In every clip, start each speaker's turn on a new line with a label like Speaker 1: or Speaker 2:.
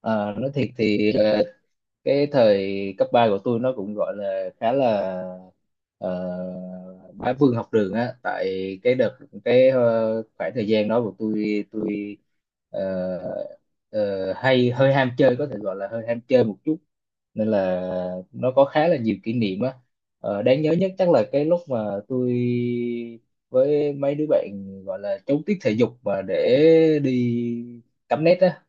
Speaker 1: Ờ, nói thiệt thì, cái thời cấp 3 của tôi nó cũng gọi là khá là bá vương học đường á. Tại cái đợt khoảng thời gian đó của tôi ờ, ờ, hay hơi ham chơi, có thể gọi là hơi ham chơi một chút, nên là nó có khá là nhiều kỷ niệm á. Đáng nhớ nhất chắc là cái lúc mà tôi với mấy đứa bạn gọi là trốn tiết thể dục mà để đi cắm nét á.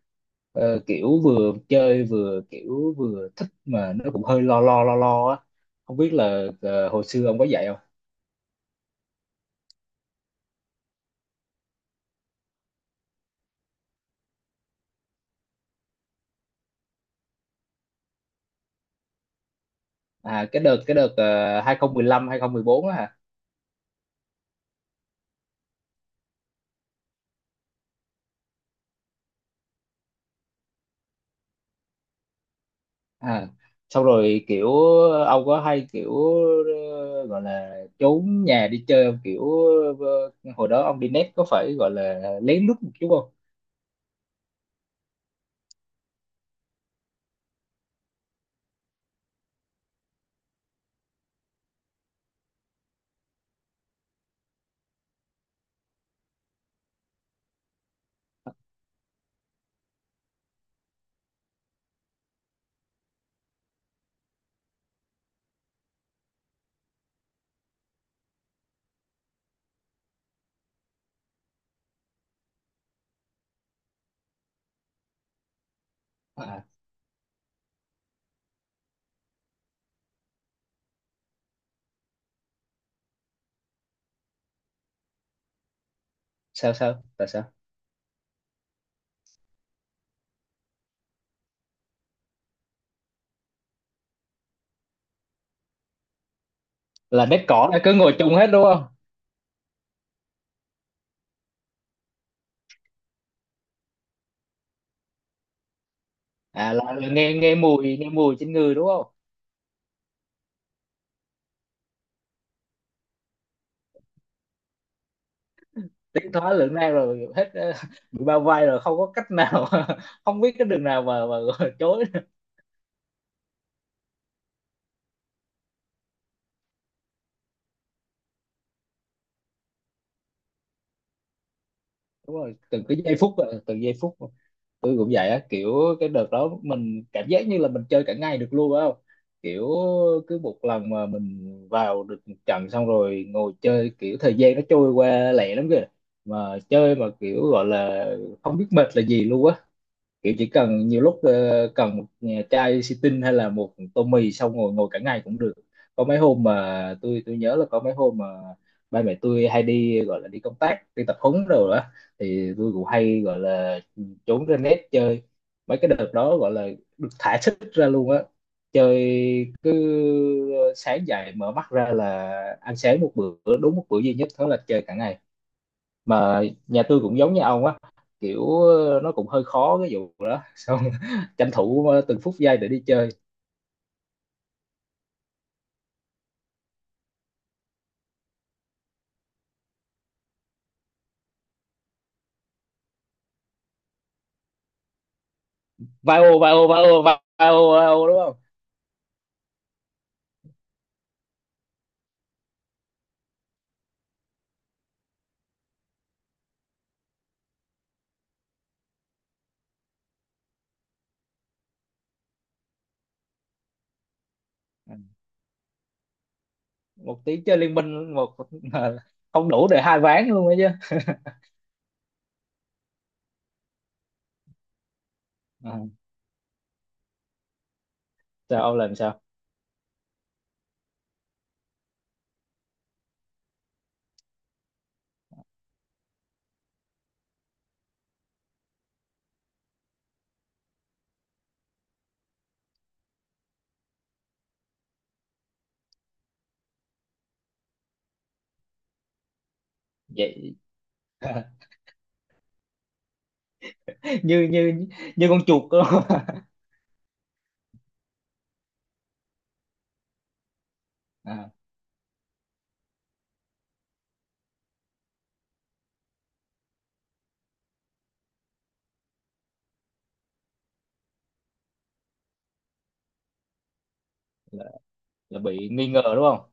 Speaker 1: Kiểu vừa chơi vừa kiểu vừa thích mà nó cũng hơi lo lo lo lo á, không biết là hồi xưa ông có dạy không. À, cái đợt 2015 2014 á hả? À, xong rồi kiểu ông có hay kiểu gọi là trốn nhà đi chơi không, kiểu ờ, hồi đó ông đi net có phải gọi là lén lút một chút không? À, sao sao tại sao? Là net cỏ là cứ ngồi chung hết đúng không? À là, nghe nghe mùi trên người đúng không? Tiến thoái lưỡng nan rồi hết, bị bao vây rồi không có cách nào. Không biết cái đường nào mà chối. Đúng rồi, từng cái giây phút, từng giây phút, tôi cũng vậy á, kiểu cái đợt đó mình cảm giác như là mình chơi cả ngày được luôn á, không kiểu, cứ một lần mà mình vào được một trận xong rồi ngồi chơi, kiểu thời gian nó trôi qua lẹ lắm kìa, mà chơi mà kiểu gọi là không biết mệt là gì luôn á. Kiểu chỉ cần nhiều lúc, cần một chai xì tinh hay là một tô mì, xong ngồi ngồi cả ngày cũng được. Có mấy hôm mà tôi nhớ là có mấy hôm mà ba mẹ tôi hay đi gọi là đi công tác, đi tập huấn rồi đó, thì tôi cũng hay gọi là trốn ra net chơi. Mấy cái đợt đó gọi là được thả sức ra luôn á, chơi cứ, sáng dậy mở mắt ra là ăn sáng một bữa, đúng một bữa duy nhất, thế là chơi cả ngày mà. Nhà tôi cũng giống như ông á, kiểu, nó cũng hơi khó cái vụ đó, xong tranh thủ từng phút giây để đi chơi. Vai ô đúng không? Ừ. Một tiếng chơi Liên Minh, một mà không đủ để hai ván luôn ấy chứ. À, sao ông làm sao vậy? như như Như con chuột đó. À, là, là bị nghi ngờ đúng không?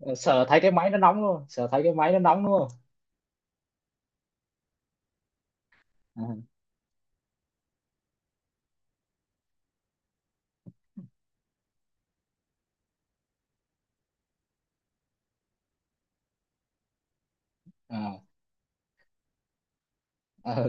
Speaker 1: Sợ thấy cái máy nó nóng đúng không? À, à, à.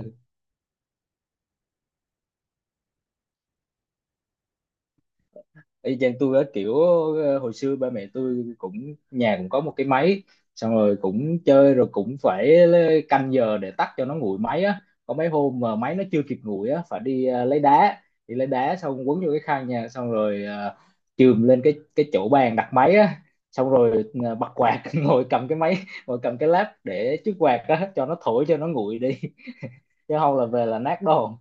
Speaker 1: Y chang tôi á, kiểu, hồi xưa ba mẹ tôi cũng, nhà cũng có một cái máy, xong rồi cũng chơi, rồi cũng phải canh giờ để tắt cho nó nguội máy á. Có mấy hôm mà máy nó chưa kịp nguội á, phải đi lấy đá, đi lấy đá xong quấn vô cái khăn nha, xong rồi uh, chườm lên cái chỗ bàn đặt máy á, xong rồi, bật quạt, ngồi cầm cái lab để trước quạt á cho nó thổi cho nó nguội đi, chứ không là về là nát đồ.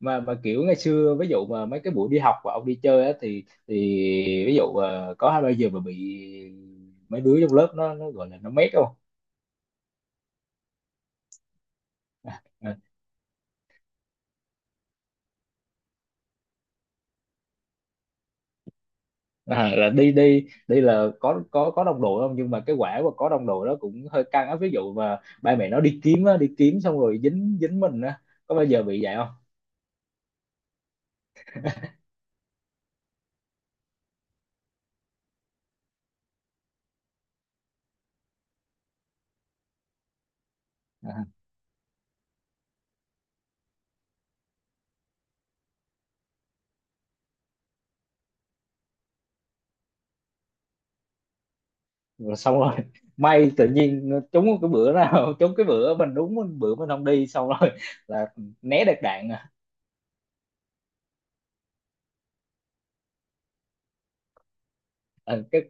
Speaker 1: Mà kiểu ngày xưa, ví dụ mà mấy cái buổi đi học và ông đi chơi á, thì ví dụ, có hai ba giờ mà bị mấy đứa trong lớp nó gọi là nó mét không? À, à, là đi đi đi là có đồng đội không? Nhưng mà cái quả mà có đồng đội đó cũng hơi căng á, ví dụ mà ba mẹ nó đi kiếm á, đi kiếm xong rồi dính dính mình á, có bao giờ bị vậy không? À, rồi xong rồi, may tự nhiên trúng cái bữa nào trúng cái bữa mình, đúng bữa mình không đi, xong rồi là né được đạn à. Ờ, cái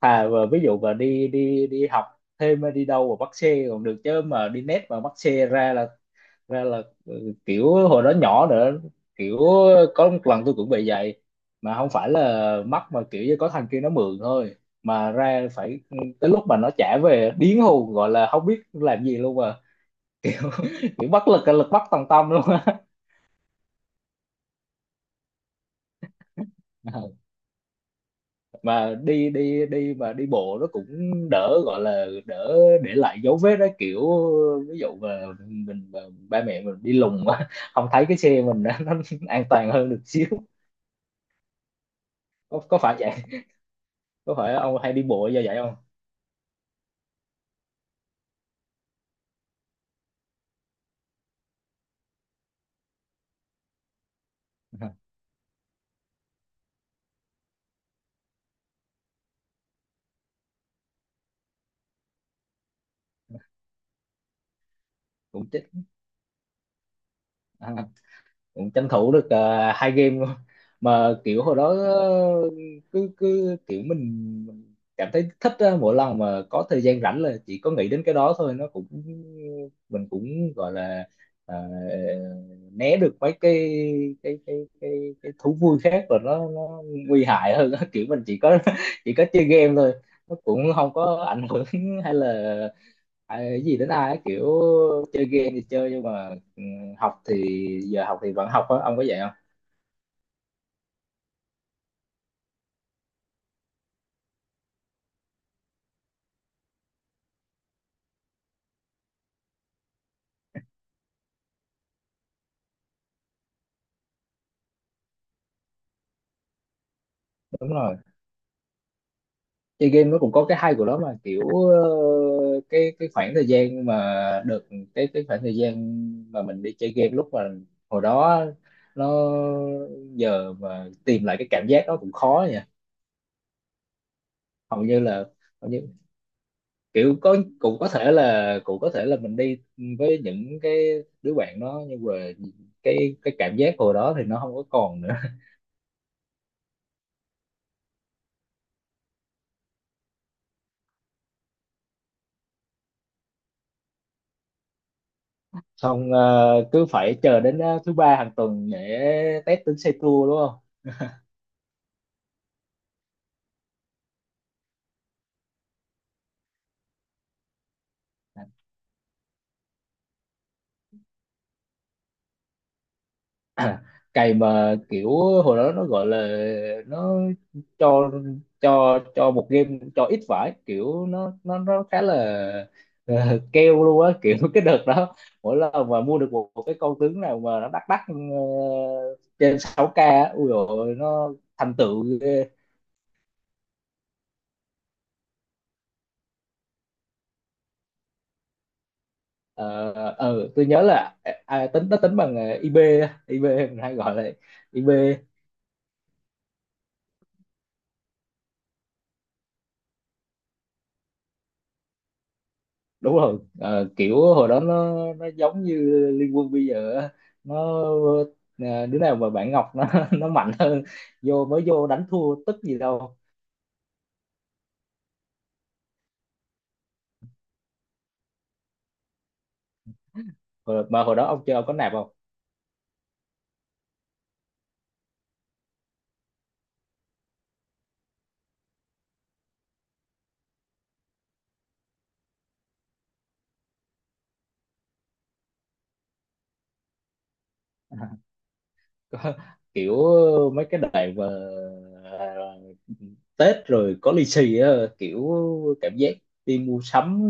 Speaker 1: Thà mà ví dụ mà đi đi đi học thêm hay đi đâu mà bắt xe còn được, chứ mà đi net mà bắt xe ra là, ừ, kiểu hồi đó nhỏ nữa, kiểu có một lần tôi cũng bị vậy, mà không phải là mắc mà kiểu như có thằng kia nó mượn thôi, mà ra phải, tới lúc mà nó trả về điên hù gọi là không biết làm gì luôn mà, kiểu bất lực lực bất tòng tâm luôn á. Mà đi đi đi mà đi bộ nó cũng đỡ, gọi là đỡ để lại dấu vết đó, kiểu ví dụ mà mình mà ba mẹ mình đi lùng, không thấy cái xe mình á, nó an toàn hơn được xíu. Có phải vậy, có phải ông hay đi bộ do vậy không? Cũng chết à, cũng tranh thủ được hai game luôn. Mà kiểu hồi đó, cứ cứ kiểu mình cảm thấy thích á, mỗi lần mà có thời gian rảnh là chỉ có nghĩ đến cái đó thôi, nó cũng mình cũng gọi là ờ, né được mấy cái cái cái cái thú vui khác rồi, nó nguy hại hơn á. Kiểu mình chỉ có chơi game thôi, nó cũng không có ảnh hưởng hay là à, cái gì đến ai á, kiểu chơi game thì chơi nhưng mà ừ, học thì, giờ học thì vẫn học á, ông có vậy không? Đúng rồi, chơi game nó cũng có cái hay của nó mà, kiểu, được cái khoảng thời gian mà mình đi chơi game lúc mà hồi đó, nó giờ mà tìm lại cái cảm giác đó cũng khó nha. hầu như là Hầu như kiểu có, cũng có thể là mình đi với những cái đứa bạn đó nhưng mà cái cảm giác hồi đó thì nó không có còn nữa. Xong, cứ phải chờ đến thứ ba hàng tuần để test tính xe tua đúng không? Cày mà kiểu hồi đó nó gọi là, nó cho cho một game, cho ít vải, kiểu nó khá là ờ, keo luôn á, kiểu cái đợt đó mỗi lần mà mua được một cái con tướng nào mà nó đắt đắt, trên 6K á, ui dồi ôi, nó thành tựu. ờ tôi nhớ là à, à, tính nó tính bằng IB á, IB mình hay gọi là IB. Đúng rồi. Ờ, Kiểu hồi đó nó giống như Liên Quân bây giờ á. nó ờ, Đứa nào mà bạn Ngọc nó mạnh hơn, mới vô đánh thua tức gì đâu. Hồi- mà Hồi đó ông chơi ông có nạp không? Có- Kiểu mấy cái đoạn mà ờ, Tết rồi có lì xì á, kiểu cảm giác đi mua sắm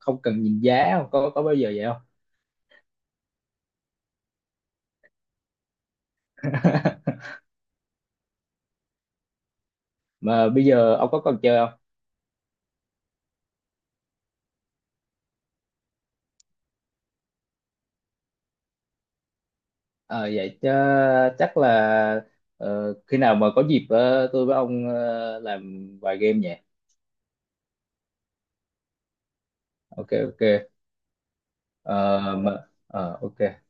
Speaker 1: không cần nhìn giá, không có bao giờ vậy không? Mà bây giờ ông có còn chơi không? Ờ, Vậy chứ chắc là, khi nào mà có dịp, tôi với ông làm vài game nhỉ? Ok, ok. Ờ, mà, ok.